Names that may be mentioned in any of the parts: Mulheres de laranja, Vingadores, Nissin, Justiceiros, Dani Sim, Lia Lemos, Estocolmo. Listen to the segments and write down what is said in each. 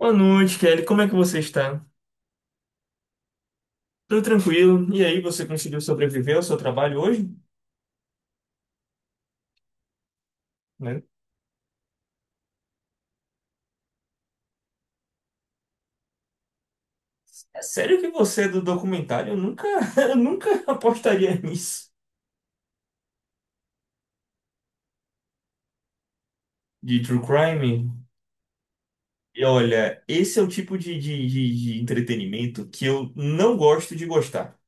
Boa noite, Kelly. Como é que você está? Tudo tranquilo? E aí, você conseguiu sobreviver ao seu trabalho hoje? Né? É sério que você é do documentário? Eu nunca, eu nunca apostaria nisso. De true crime? E olha, esse é o tipo de entretenimento que eu não gosto de gostar.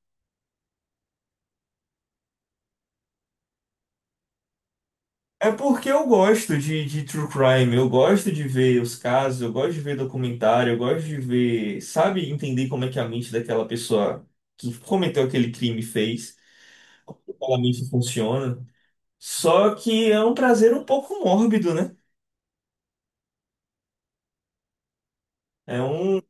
É porque eu gosto de true crime, eu gosto de ver os casos, eu gosto de ver documentário, eu gosto de ver, sabe, entender como é que é a mente daquela pessoa que cometeu aquele crime fez. Claramente funciona. Só que é um prazer um pouco mórbido, né? É um.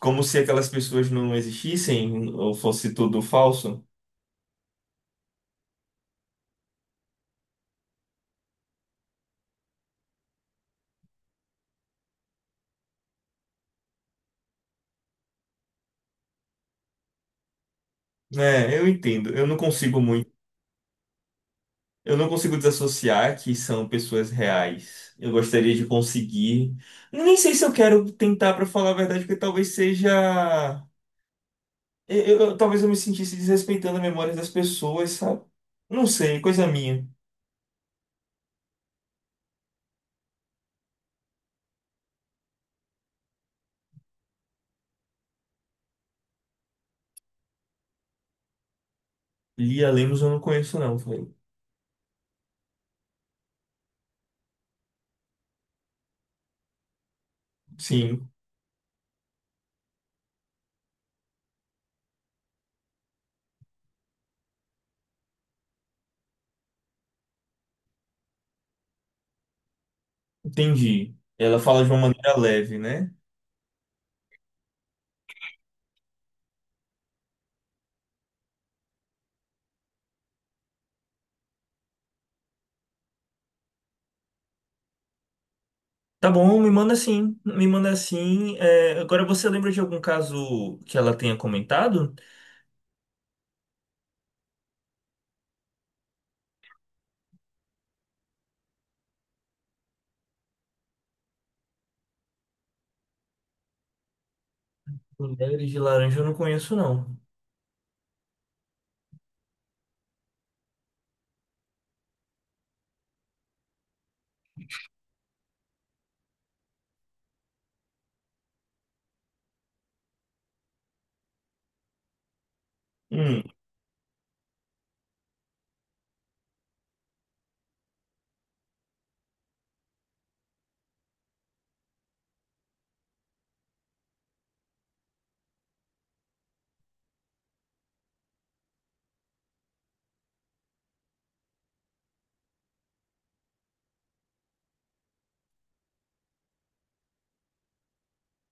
Como se aquelas pessoas não existissem ou fosse tudo falso. É, eu entendo. Eu não consigo muito. Eu não consigo desassociar que são pessoas reais. Eu gostaria de conseguir. Nem sei se eu quero tentar para falar a verdade, porque talvez seja. Talvez eu me sentisse desrespeitando a memória das pessoas, sabe? Não sei, coisa minha. Lia Lemos eu não conheço, não. Foi. Sim. Entendi. Ela fala de uma maneira leve, né? Tá bom, me manda sim, me manda sim. É, agora você lembra de algum caso que ela tenha comentado? Mulheres de laranja eu não conheço, não. Hum,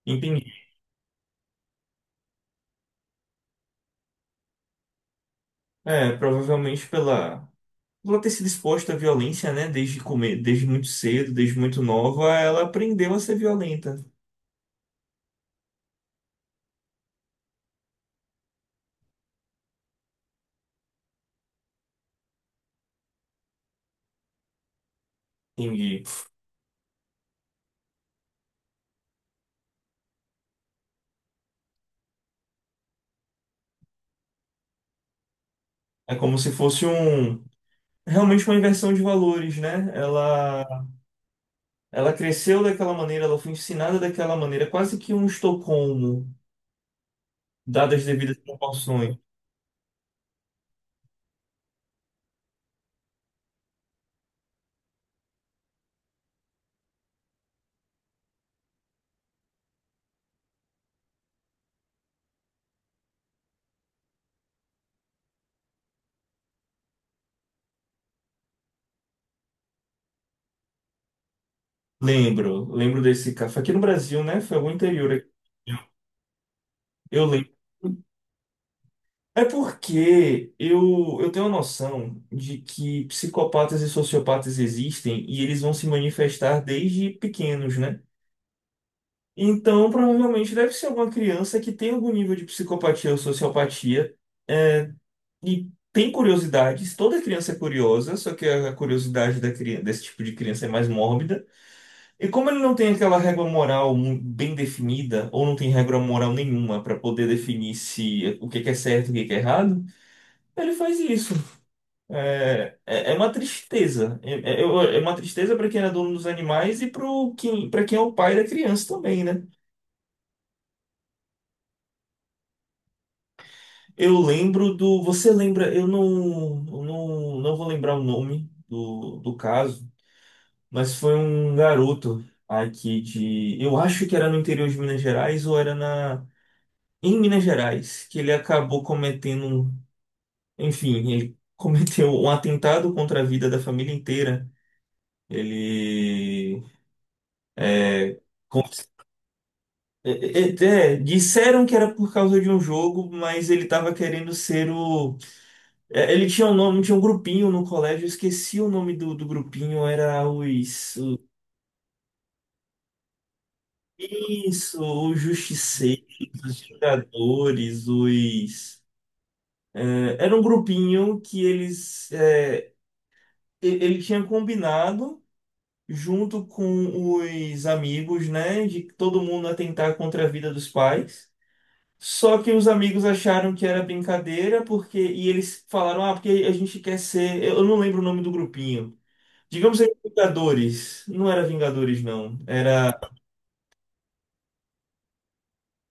entendi. Provavelmente pela ter sido exposta à violência, né? Desde comer, desde muito cedo, desde muito nova, ela aprendeu a ser violenta. Entendi. É como se fosse um realmente uma inversão de valores, né? Ela cresceu daquela maneira, ela foi ensinada daquela maneira, quase que um Estocolmo, dadas as devidas proporções. Lembro, lembro desse caso. Foi aqui no Brasil, né? Foi algum interior aqui. Eu lembro. É porque eu tenho a noção de que psicopatas e sociopatas existem e eles vão se manifestar desde pequenos, né? Então, provavelmente deve ser alguma criança que tem algum nível de psicopatia ou sociopatia, é, e tem curiosidades. Toda criança é curiosa, só que a curiosidade da criança, desse tipo de criança é mais mórbida. E como ele não tem aquela regra moral bem definida, ou não tem regra moral nenhuma para poder definir se o que que é certo e o que que é errado, ele faz isso. É uma tristeza. É, é uma tristeza para quem é dono dos animais e para para quem é o pai da criança também, né? Eu lembro do. Você lembra? Eu não, não vou lembrar o nome do caso, mas foi um garoto aqui de. Eu acho que era no interior de Minas Gerais ou era na em Minas Gerais, que ele acabou cometendo, um, enfim, ele cometeu um atentado contra a vida da família inteira. Ele com- disseram que era por causa de um jogo, mas ele estava querendo ser o. Ele tinha um nome, tinha um grupinho no colégio, eu esqueci o nome do grupinho, era os. Isso, os Justiceiros, os Vingadores, os. é, era um grupinho que eles. Ele tinha combinado, junto com os amigos, né, de que todo mundo atentar contra a vida dos pais. Só que os amigos acharam que era brincadeira, porque e eles falaram, ah, porque a gente quer ser. Eu não lembro o nome do grupinho. Digamos aí, Vingadores. Não era Vingadores, não. Era.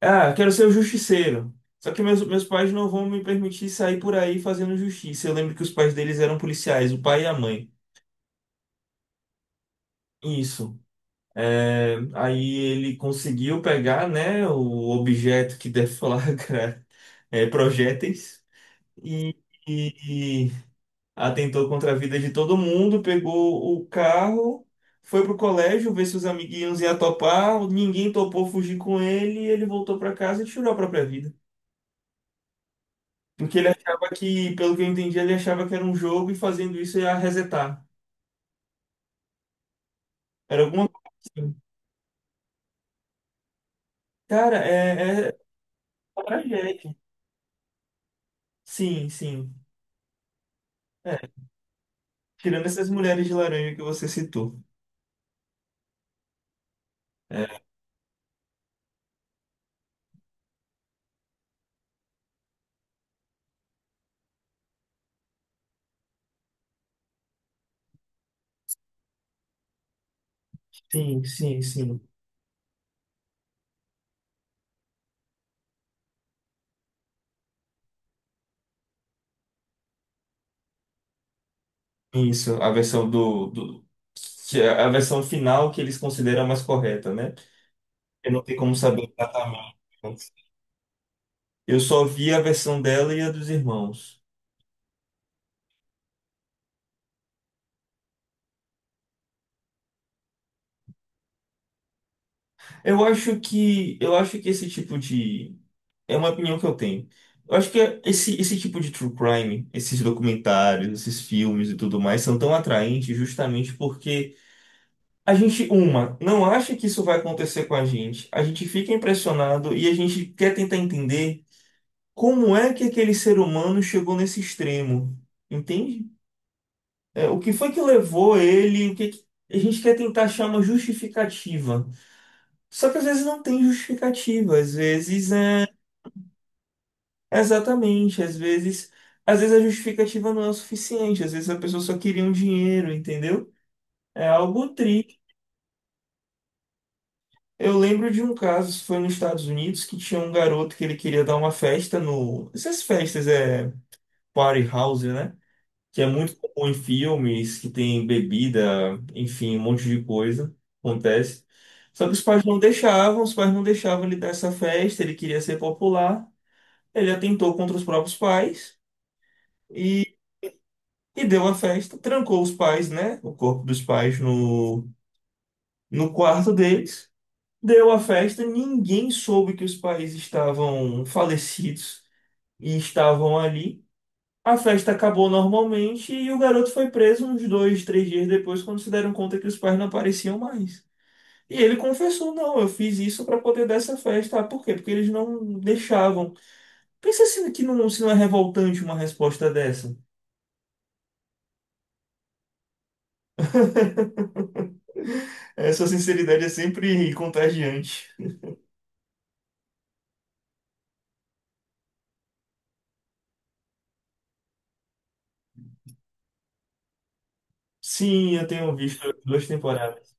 Ah, quero ser o Justiceiro. Só que meus pais não vão me permitir sair por aí fazendo justiça. Eu lembro que os pais deles eram policiais, o pai e a mãe. Isso. É, aí ele conseguiu pegar, né, o objeto que deflagra projéteis e, e atentou contra a vida de todo mundo, pegou o carro, foi pro colégio ver se os amiguinhos iam topar, ninguém topou fugir com ele e ele voltou pra casa e tirou a própria vida. Porque ele achava que, pelo que eu entendi, ele achava que era um jogo e fazendo isso ia resetar. Era alguma coisa assim. Cara, é tragédia. Sim, sim. Tirando essas mulheres de laranja que você citou. É, sim, sim, sim. Isso, a versão do, que é a versão final que eles consideram a mais correta, né? Eu não tenho como saber exatamente. Eu só vi a versão dela e a dos irmãos. Eu acho que esse tipo de é uma opinião que eu tenho. Eu acho que esse tipo de true crime, esses documentários, esses filmes e tudo mais são tão atraentes justamente porque a gente, uma, não acha que isso vai acontecer com a gente. A gente fica impressionado e a gente quer tentar entender como é que aquele ser humano chegou nesse extremo. Entende? É, o que foi que levou ele? A gente quer tentar achar uma justificativa. Só que às vezes não tem justificativa. Às vezes é exatamente. Às vezes a justificativa não é o suficiente. Às vezes a pessoa só queria um dinheiro, entendeu? É algo triste. Eu lembro de um caso, isso foi nos Estados Unidos, que tinha um garoto que ele queria dar uma festa no. Essas festas é party house, né? Que é muito comum em filmes, que tem bebida, enfim, um monte de coisa. Acontece. Só que os pais não deixavam ele dar essa festa, ele queria ser popular. Ele atentou contra os próprios pais e, deu a festa, trancou os pais, né? O corpo dos pais no, no quarto deles. Deu a festa, ninguém soube que os pais estavam falecidos e estavam ali. A festa acabou normalmente e o garoto foi preso uns dois, três dias depois, quando se deram conta que os pais não apareciam mais. E ele confessou: não, eu fiz isso para poder dar essa festa. Ah, por quê? Porque eles não deixavam. Pensa se, que não, se não é revoltante uma resposta dessa. Essa sinceridade é sempre contagiante. Sim, eu tenho visto duas temporadas.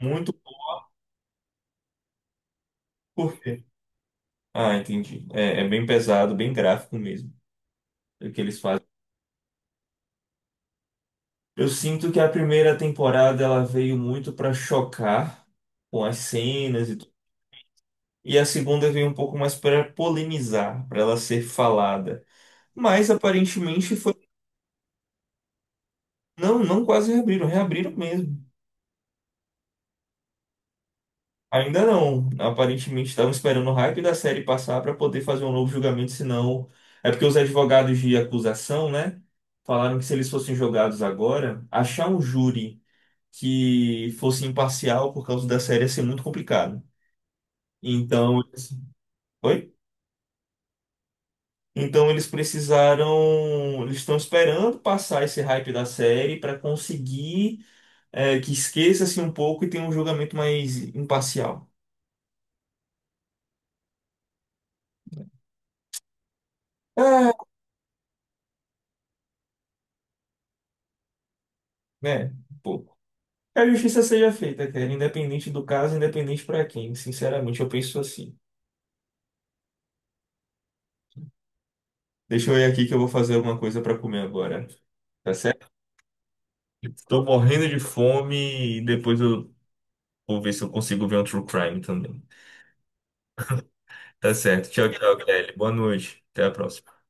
Muito por. Ah, entendi. É, é bem pesado, bem gráfico mesmo, o que eles fazem. Eu sinto que a primeira temporada ela veio muito para chocar com as cenas e tudo. E a segunda veio um pouco mais para polemizar, para ela ser falada. Mas aparentemente foi. Não, não quase reabriram, reabriram mesmo. Ainda não. Aparentemente estavam esperando o hype da série passar para poder fazer um novo julgamento, senão. É porque os advogados de acusação, né? Falaram que se eles fossem jogados agora, achar um júri que fosse imparcial por causa da série ser muito complicado. Então, eles- Oi? Então eles precisaram, eles estão esperando passar esse hype da série para conseguir, que esqueça-se um pouco e tenha um julgamento mais imparcial. É, né? Um pouco. Que a justiça seja feita, cara, independente do caso, independente para quem. Sinceramente, eu penso assim. Deixa eu ir aqui que eu vou fazer alguma coisa para comer agora, tá certo? Estou morrendo de fome e depois eu vou ver se eu consigo ver um true crime também. Tá certo. Tchau, tchau, Kelly. Boa noite. Até a próxima.